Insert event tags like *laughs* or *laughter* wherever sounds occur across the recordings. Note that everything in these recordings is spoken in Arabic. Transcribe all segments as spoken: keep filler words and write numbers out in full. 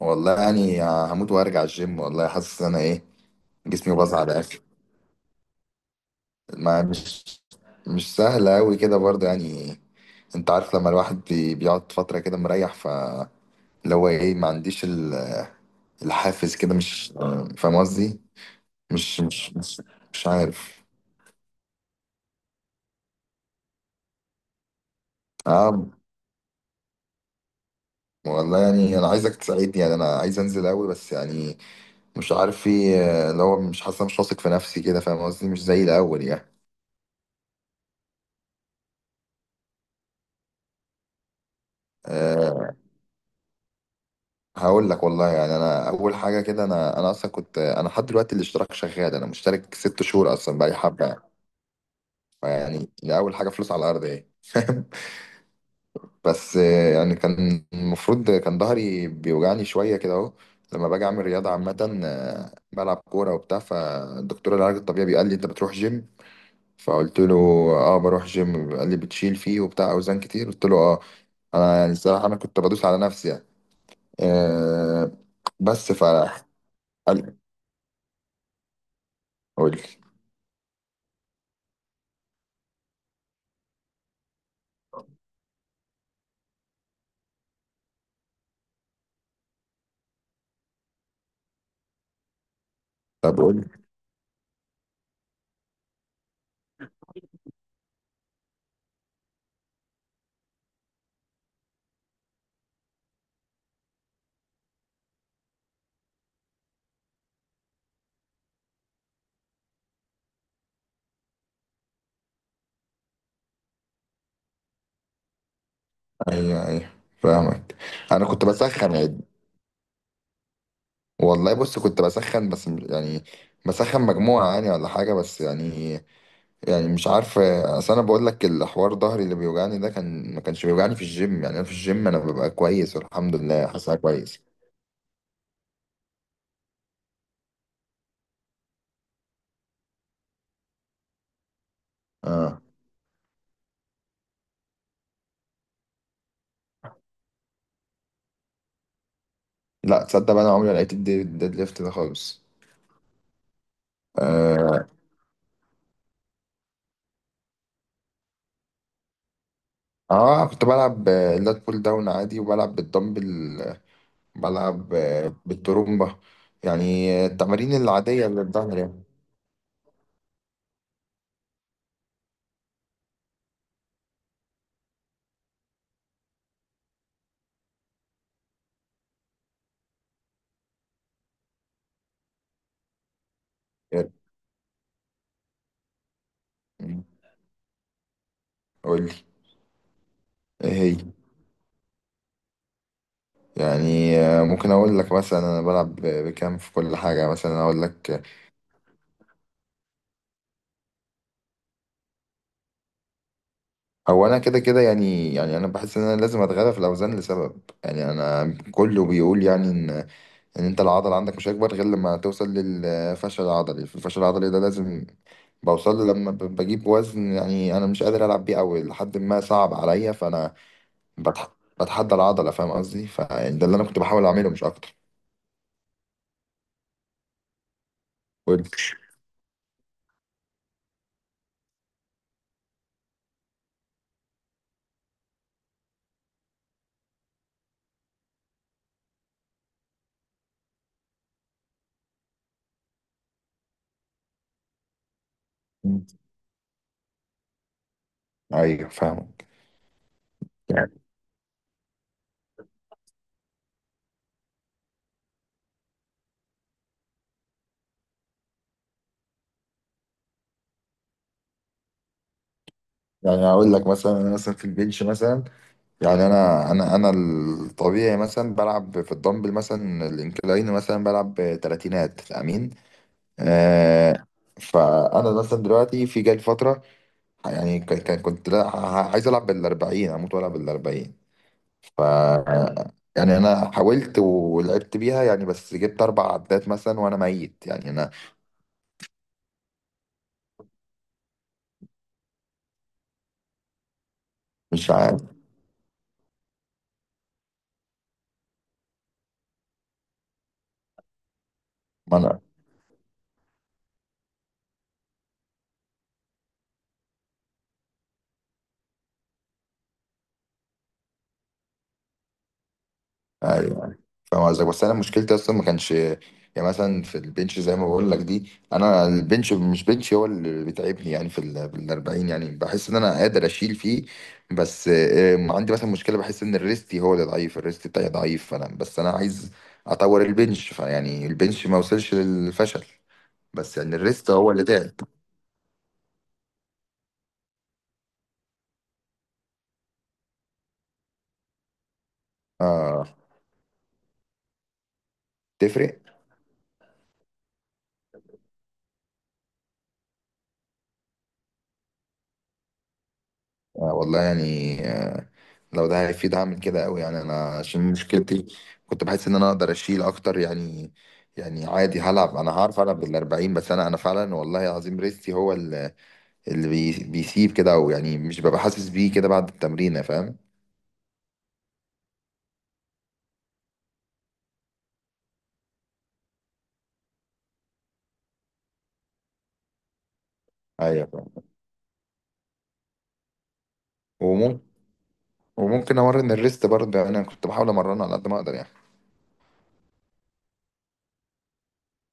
والله يعني هموت وارجع الجيم، والله حاسس ان انا ايه، جسمي باظ على الاخر. ما مش مش سهل قوي كده برضه يعني. انت عارف لما الواحد بي- بيقعد فترة كده مريح، ف اللي هو ايه، ما عنديش ال- الحافز كده، مش فاهم قصدي. مش مش مش مش عارف. اه والله يعني انا عايزك تساعدني، يعني انا عايز انزل قوي بس يعني مش عارف، في اللي هو مش حاسس، مش واثق في نفسي كده، فاهم قصدي؟ مش زي الاول يعني. آه، هقول لك والله، يعني انا اول حاجه كده، انا انا اصلا كنت، انا لحد دلوقتي الاشتراك شغال، انا مشترك ست شهور اصلا، بقالي حبه يعني. فيعني دي اول حاجه، فلوس على الارض ايه. *laughs* بس آه، يعني كان المفروض، كان ظهري بيوجعني شويه كده اهو لما باجي اعمل رياضه عامه، آه، بلعب كوره وبتاع. فالدكتور العلاج الطبيعي قال لي انت بتروح جيم؟ فقلت له اه بروح جيم. قال لي بتشيل فيه وبتاع اوزان كتير؟ قلت له اه. انا يعني الصراحه انا كنت بدوس على نفسي يعني. آه، بس ف قال- قول لي. طب قول لي. ايوه ايوه فاهمك. انا كنت بسخن يعني، والله بص كنت بسخن بس م- يعني بسخن مجموعة يعني ولا حاجة بس يعني. يعني مش عارف، اصل انا بقول لك الحوار، ظهري اللي بيوجعني ده كان ما كانش بيوجعني في الجيم يعني، انا في الجيم انا ببقى كويس والحمد لله، حاسسها كويس. اه لا تصدق بقى، انا عمري ما لقيت الدي- الديد ليفت ده خالص. اه، آه كنت بلعب آه، اللات بول داون عادي، وبلعب بالدمبل، بلعب آه، بالترومبة، يعني التمارين العادية اللي بتظهر يعني. يلا. مم. قول لي. ايه هي. يعني آه، ممكن اقول لك مثلا انا بلعب ب- بكام في كل حاجه، مثلا اقول لك. هو انا كده كده يعني، يعني انا بحس ان انا لازم اتغلب في الاوزان لسبب، يعني انا كله بيقول يعني ان ان انت العضل عندك مش هيكبر غير لما توصل للفشل العضلي، في الفشل العضلي ده لازم بوصل له لما ب- بجيب وزن يعني انا مش قادر العب بيه، او لحد ما صعب عليا، فانا بتح- بتحدى العضله فاهم قصدي، فده اللي انا كنت بحاول اعمله مش اكتر. قول لي. ايوه فاهم. يعني يعني اقول لك مثلا انا مثلا في البنش مثلا، يعني انا انا انا الطبيعي مثلا بلعب في الدمبل، مثلا الانكلاين، مثلا بلعب تلاتينات امين. آه. فانا مثلا دلوقتي في جاي فتره، يعني ك- ك- كنت لا ع- عايز العب بالاربعين، اموت والعب بالاربعين. ف يعني انا حاولت ولعبت بيها يعني، بس جبت اربع عدات مثلا وانا ميت يعني، انا مش عارف. ما انا فاهم قصدك، بس انا مشكلتي اصلا ما كانش، يعني مثلا في البنش زي ما بقول لك دي، انا البنش مش بنش هو اللي بيتعبني يعني، في ال في ال أربعين يعني بحس ان انا قادر اشيل فيه. بس آه، عندي مثلا مشكله، بحس ان الريستي هو اللي ضعيف، الريست بتاعي ضعيف، فانا بس انا عايز اطور البنش، فيعني البنش ما وصلش للفشل، بس يعني الريست هو اللي تعب. اه تفرق. آه والله يعني آه، لو ده هيفيد هعمل كده قوي يعني. انا عشان مشكلتي، كنت بحس ان انا اقدر اشيل اكتر يعني، يعني عادي هلعب، انا هعرف العب بال أربعين، بس انا انا فعلا والله العظيم ريستي هو اللي، اللي بي- بيسيب كده، او يعني مش ببقى حاسس بيه كده بعد التمرين فاهم؟ ايوه فاهم. وممكن وممكن امرن الريست برضه، يعني انا كنت بحاول امرنه على قد ما اقدر يعني.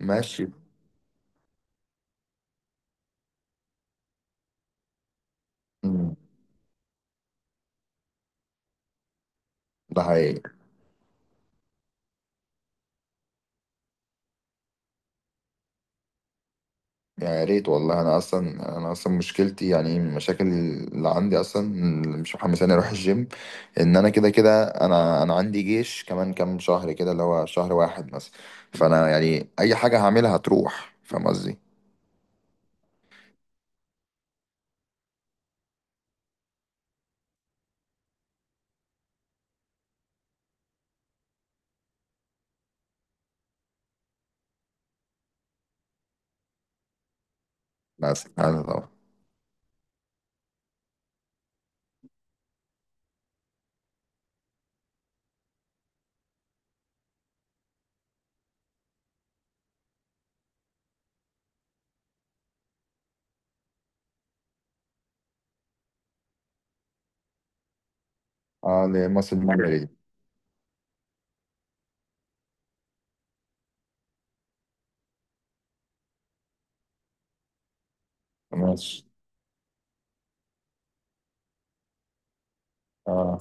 ماشي. أمم، ده حقيقي. يا ريت والله، انا اصلا انا اصلا مشكلتي، يعني من المشاكل اللي عندي اصلا اللي مش محمساني اروح الجيم، ان انا كده كده، انا انا عندي جيش كمان كام شهر كده، اللي هو شهر واحد مثلا. فانا يعني اي حاجه هعملها هتروح فاهم قصدي. بس انا طبعا. اه لمصر المغربي دي. ماشي. اه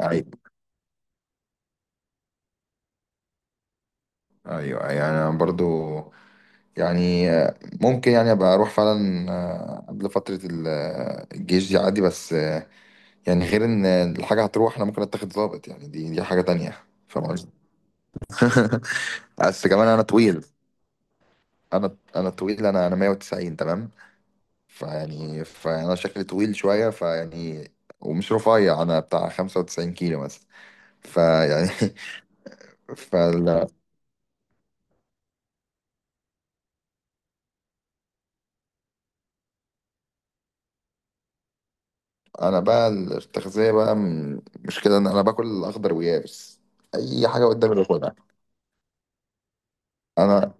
ايوه ايوه، يعني انا برضو يعني آه، ممكن يعني ابقى اروح فعلا آه، قبل فتره ال- آه، الجيش دي عادي، بس يعني غير ان الحاجه هتروح، انا ممكن اتاخد ظابط يعني، دي دي حاجه تانية فاهم قصدي. *laughs* بس كمان انا طويل، انا انا طويل، انا انا مية وتسعين تمام. فيعني فانا شكلي طويل شويه فيعني، ومش رفيع، انا بتاع خمسة وتسعين كيلو مثلا، فيعني *laughs* فلا. انا بقى التغذيه بقى م- مشكله، ان انا باكل اخضر ويابس، اي حاجه قدامي باكلها. انا،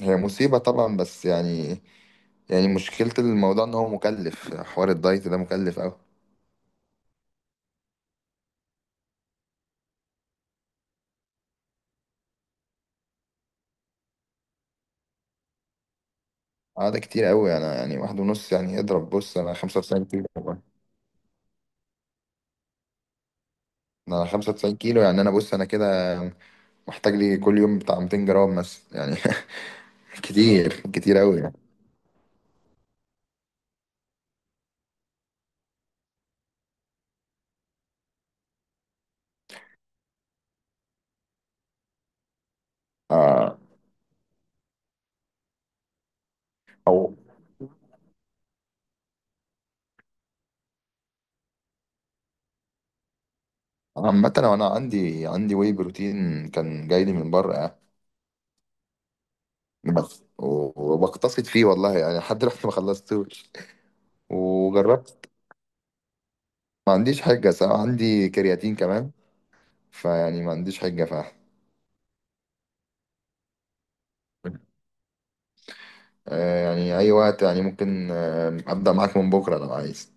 هي مصيبه طبعا بس يعني، يعني مشكله الموضوع ان هو مكلف، حوار الدايت ده مكلف قوي. اه ده كتير قوي، انا يعني واحد ونص، يعني اضرب، بص انا خمسة وتسعين كيلو والله. انا خمسة وتسعين كيلو يعني، انا بص انا كده محتاج لي كل يوم بتاع ميتين جرام مثلا يعني. *laughs* كتير كتير قوي يعني. آه او. عامة أنا أنا عندي عندي واي بروتين كان جاي لي من بره يعني، بس و- وبقتصد فيه والله يعني، لحد دلوقتي *laughs* ما خلصتوش. وجربت. ما عنديش حجة صراحة، عندي كرياتين كمان فيعني، ما عنديش حجة فعلا. آه، يعني أي وقت، يعني ممكن آه، أبدأ معاك من بكرة لو عايز.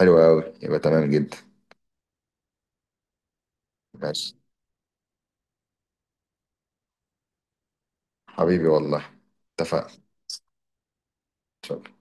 حلو أوي يبقى تمام جدا. ماشي. حبيبي والله. اتفقنا. شكراً.